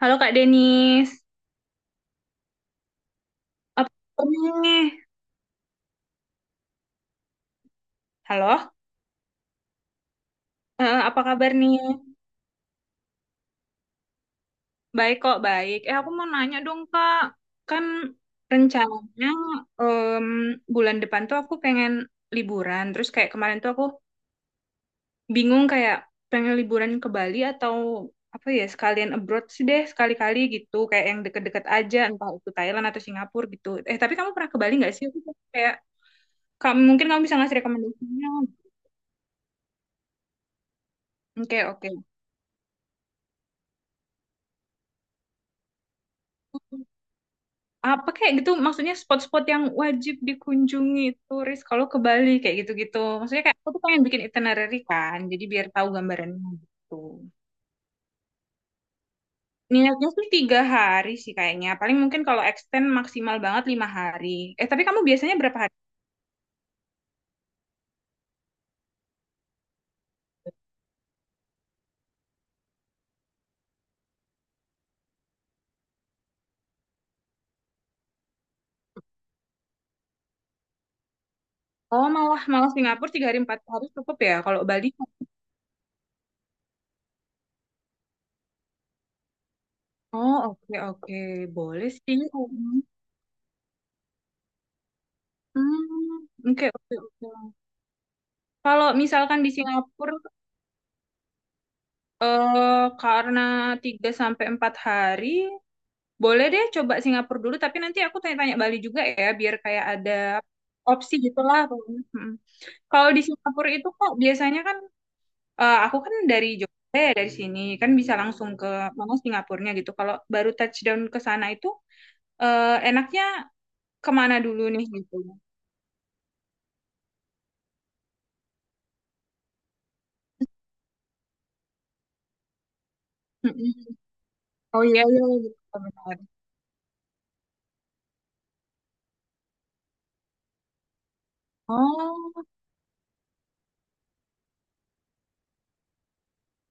Halo Kak Denis, apa kabar nih? Halo. Apa kabar nih? Baik kok, baik. Aku mau nanya dong Kak, kan rencananya em, bulan depan tuh aku pengen liburan. Terus kayak kemarin tuh aku bingung kayak pengen liburan ke Bali atau apa ya sekalian abroad sih deh sekali-kali gitu. Kayak yang deket-deket aja, entah itu Thailand atau Singapura gitu. Tapi kamu pernah ke Bali nggak sih? Aku kayak kamu mungkin kamu bisa ngasih rekomendasinya. Oke, oke. Apa kayak gitu maksudnya spot-spot yang wajib dikunjungi turis kalau ke Bali kayak gitu-gitu, maksudnya kayak aku tuh pengen bikin itinerary kan, jadi biar tahu gambarannya gitu. Niatnya sih tiga hari sih kayaknya, paling mungkin kalau extend maksimal banget lima hari. Tapi kamu biasanya berapa hari? Oh, malah malah Singapura tiga hari empat hari cukup ya, kalau Bali kan? Oh, oke, oke. Boleh sih. Hmm, oke, oke, oke. Kalau misalkan di Singapura, karena 3 sampai 4 hari. Boleh deh coba Singapura dulu, tapi nanti aku tanya-tanya Bali juga ya, biar kayak ada opsi gitulah. Pokoknya. Kalau di Singapura itu kok biasanya kan, aku kan dari Jogja ya, dari sini, kan bisa langsung ke mana Singapurnya gitu. Kalau baru touchdown ke sana itu, enaknya kemana dulu nih gitu. Mm-mm. Oh, iya iya gitu. Bentar. Oh,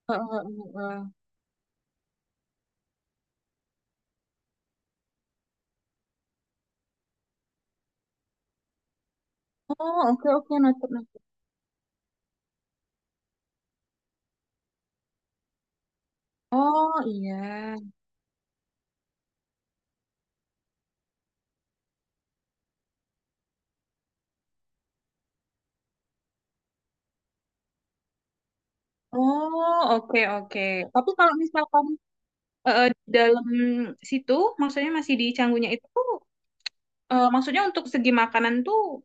eh, eh, eh, eh. Oh, oke, oke, noted, noted. Oh iya. Oh, oke, oke. Tapi kalau misalkan di dalam situ, maksudnya masih di Canggunya itu, tuh, maksudnya untuk segi makanan tuh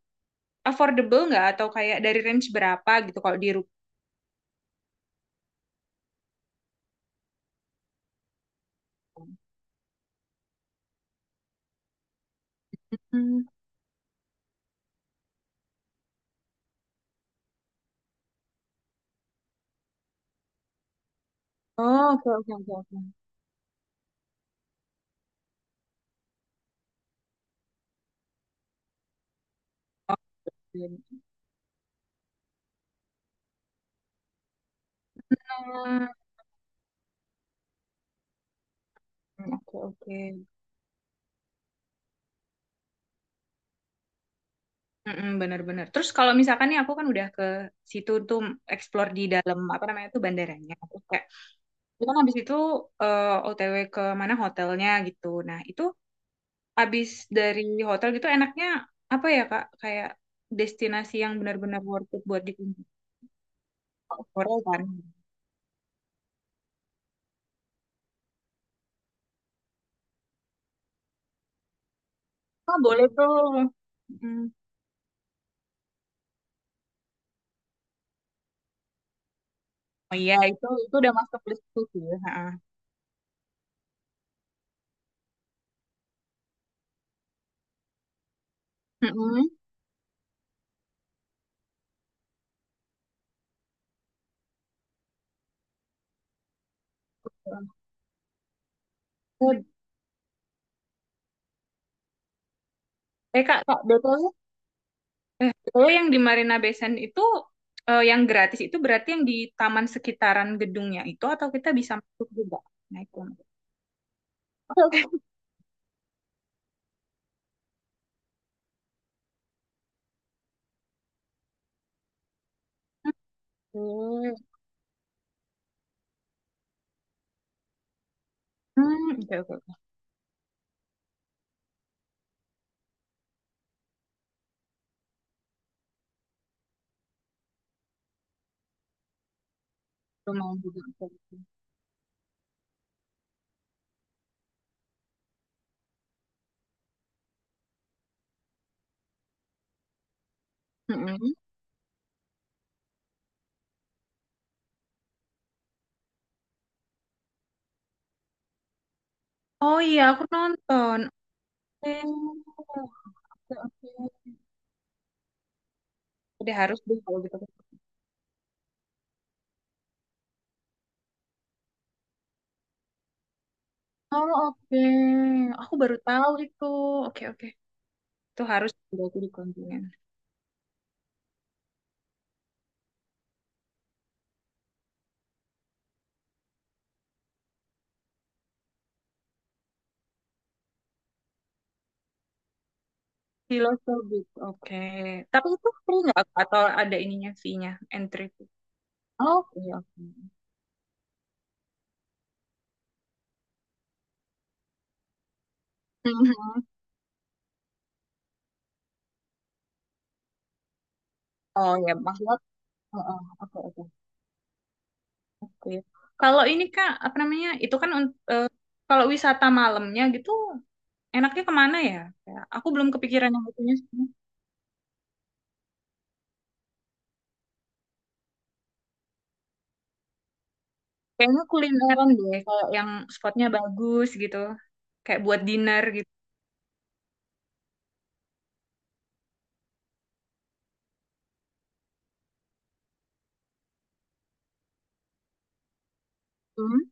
affordable nggak, atau kayak dari range berapa gitu kalau di Rupiah? Hmm. Oh, oke, oke, oke, oke. Oke. Hmm. Oke, oke. Mm-mm, bener-bener. Terus kalau misalkan nih aku kan udah ke situ tuh, explore di dalam apa namanya tuh bandaranya. Terus kayak, itu kan habis itu OTW ke mana hotelnya gitu. Nah itu abis dari hotel gitu, enaknya apa ya Kak? Kayak destinasi yang benar-benar worth it buat dikunjungi. Korea kan? Oh, boleh tuh. Mm. Oh iya, itu udah masuk listku sih. Ha. Mm-mm. Eh Kak, BTW, BTW yang di Marina Bay Sands itu, yang gratis itu berarti yang di taman sekitaran gedungnya itu, atau kita bisa masuk juga? Naik ke- Hmm, oke, oke. Oke. Lumayan juga. Oke, oke. Mm-mm. Oh iya, aku nonton. Hmm. Oke, oke. Udah harus deh kalau gitu. Oh, oke. Aku baru tahu itu. Oke, oke. Itu harus berarti di kontingen. Filosobis. Oke. Tapi itu free nggak? Atau ada ininya, fee-nya, entry fee? Oke, oke. Mhm. Oh ya, maksudnya. Heeh. Oke, oke. Oke. Kalau ini Kak, apa namanya? Itu kan kalau wisata malamnya gitu, enaknya kemana ya? Kayak aku belum kepikiran yang itunya. Kayaknya kulineran deh, kayak yang spotnya bagus gitu. Kayak buat dinner gitu. Hmm,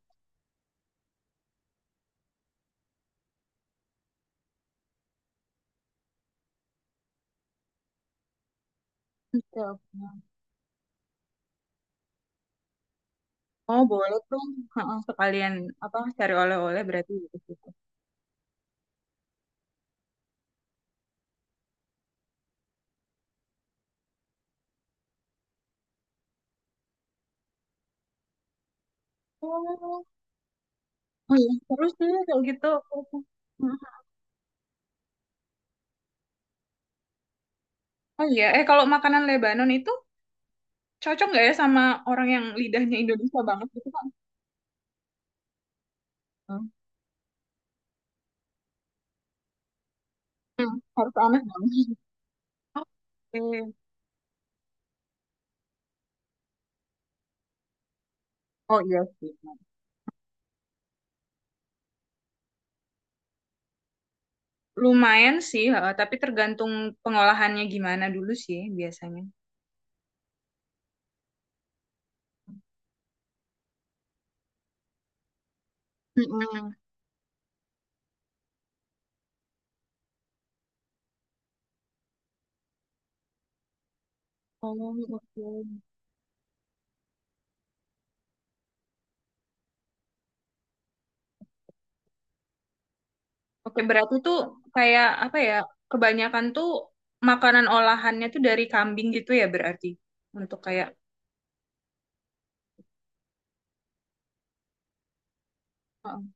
oke, oke. Oh, boleh tuh. Heeh, sekalian apa cari oleh-oleh berarti gitu. Oh, oh iya, terus sih kayak gitu. Oke. Oh iya, kalau makanan Lebanon itu cocok nggak ya sama orang yang lidahnya Indonesia banget gitu kan? Hmm. Hmm, harus aneh dong. Oke. Oh iya sih. Lumayan sih, heeh, tapi tergantung pengolahannya gimana dulu sih biasanya. Oh, oke. Oke, berarti tuh kayak apa ya? Kebanyakan tuh makanan olahannya tuh dari kambing gitu ya berarti. Untuk kayak. Heeh.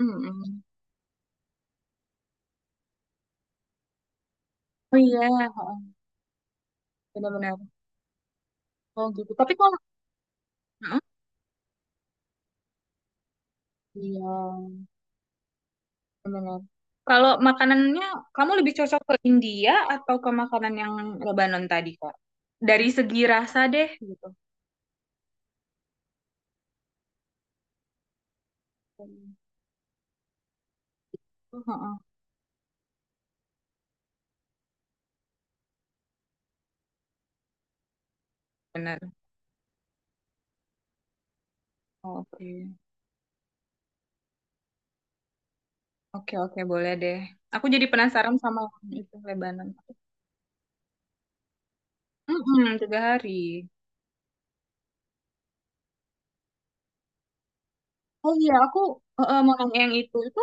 Mm-mm. Oh iya, heeh. Benar-benar. Oh gitu. Tapi kalau. Heeh. Iya, benar. Kalau makanannya kamu lebih cocok ke India atau ke makanan yang Lebanon tadi, Kak? Dari segi rasa deh gitu. Heeh. Benar. Oke. Oke, oke, boleh deh. Aku jadi penasaran sama yang itu Lebanon. Mm-mm, tiga hari. Oh iya, aku mau nanya yang itu. Itu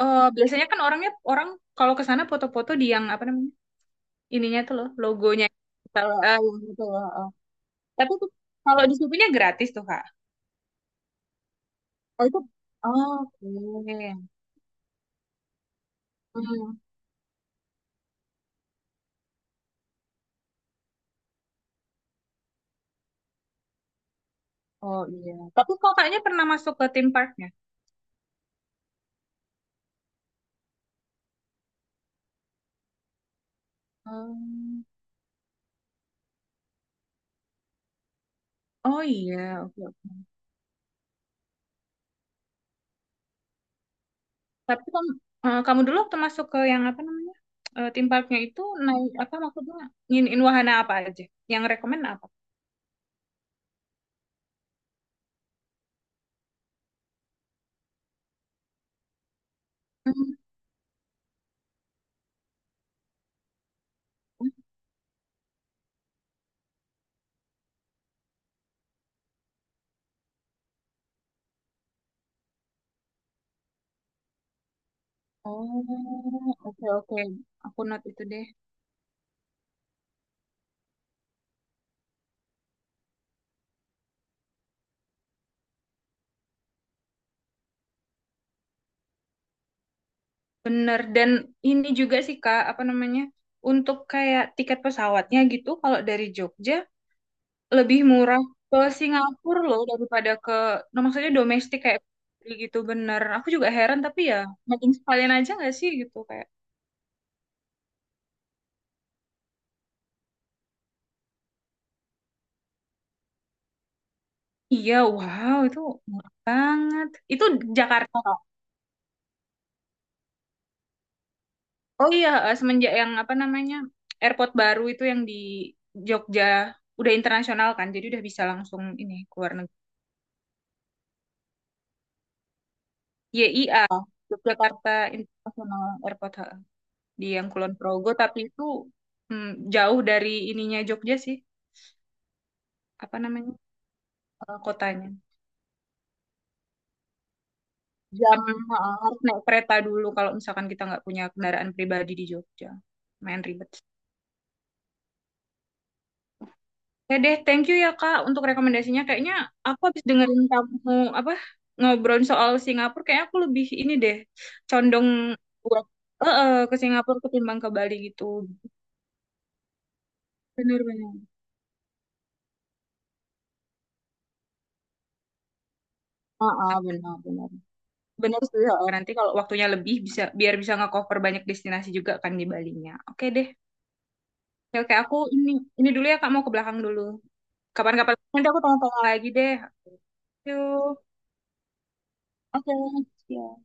biasanya kan orangnya orang kalau ke sana foto-foto di yang apa namanya? Ininya tuh loh, logonya. Kalau yang itu loh, eh. Tapi tuh kalau di Shopee-nya gratis tuh, Kak. Oh itu, oh, oke. Hmm. Oh iya. Tapi kok kayaknya pernah masuk ke theme parknya? Hmm. Oh iya, oke. Oke. Tapi kamu, kamu dulu waktu masuk ke yang apa namanya? Theme parknya itu naik apa maksudnya? Nginiin wahana apa aja? Yang rekomen apa? Oh, oke, oke. Aku note itu deh. Bener. Dan ini juga sih Kak, apa namanya? Untuk kayak tiket pesawatnya gitu, kalau dari Jogja lebih murah ke Singapura loh daripada ke, no, maksudnya domestik kayak gitu, bener. Aku juga heran, tapi ya makin sekalian aja nggak sih gitu kayak. Iya, wow itu murah banget. Itu Jakarta. Oh iya, semenjak yang apa namanya airport baru itu yang di Jogja udah internasional kan, jadi udah bisa langsung ini ke luar negeri. YIA, Yogyakarta International Airport. Ha. Di yang Kulon Progo, tapi itu mm, jauh dari ininya Jogja sih, apa namanya kotanya. Jam, ha, harus naik kereta dulu kalau misalkan kita nggak punya kendaraan pribadi di Jogja, main ribet. Ya deh, thank you ya Kak untuk rekomendasinya. Kayaknya aku habis dengerin kamu apa ngobrol soal Singapura, kayak aku lebih ini deh, condong buat ke Singapura ketimbang ke Bali gitu. Benar-benar. Ah, benar-benar. Benar sih. Heeh. Nanti kalau waktunya lebih bisa biar bisa nge-cover banyak destinasi juga kan di Balinya. Oke deh. Ya, oke aku ini dulu ya Kak, mau ke belakang dulu. Kapan-kapan nanti aku tanya-tanya lagi deh. Yuk. Oke. Ya.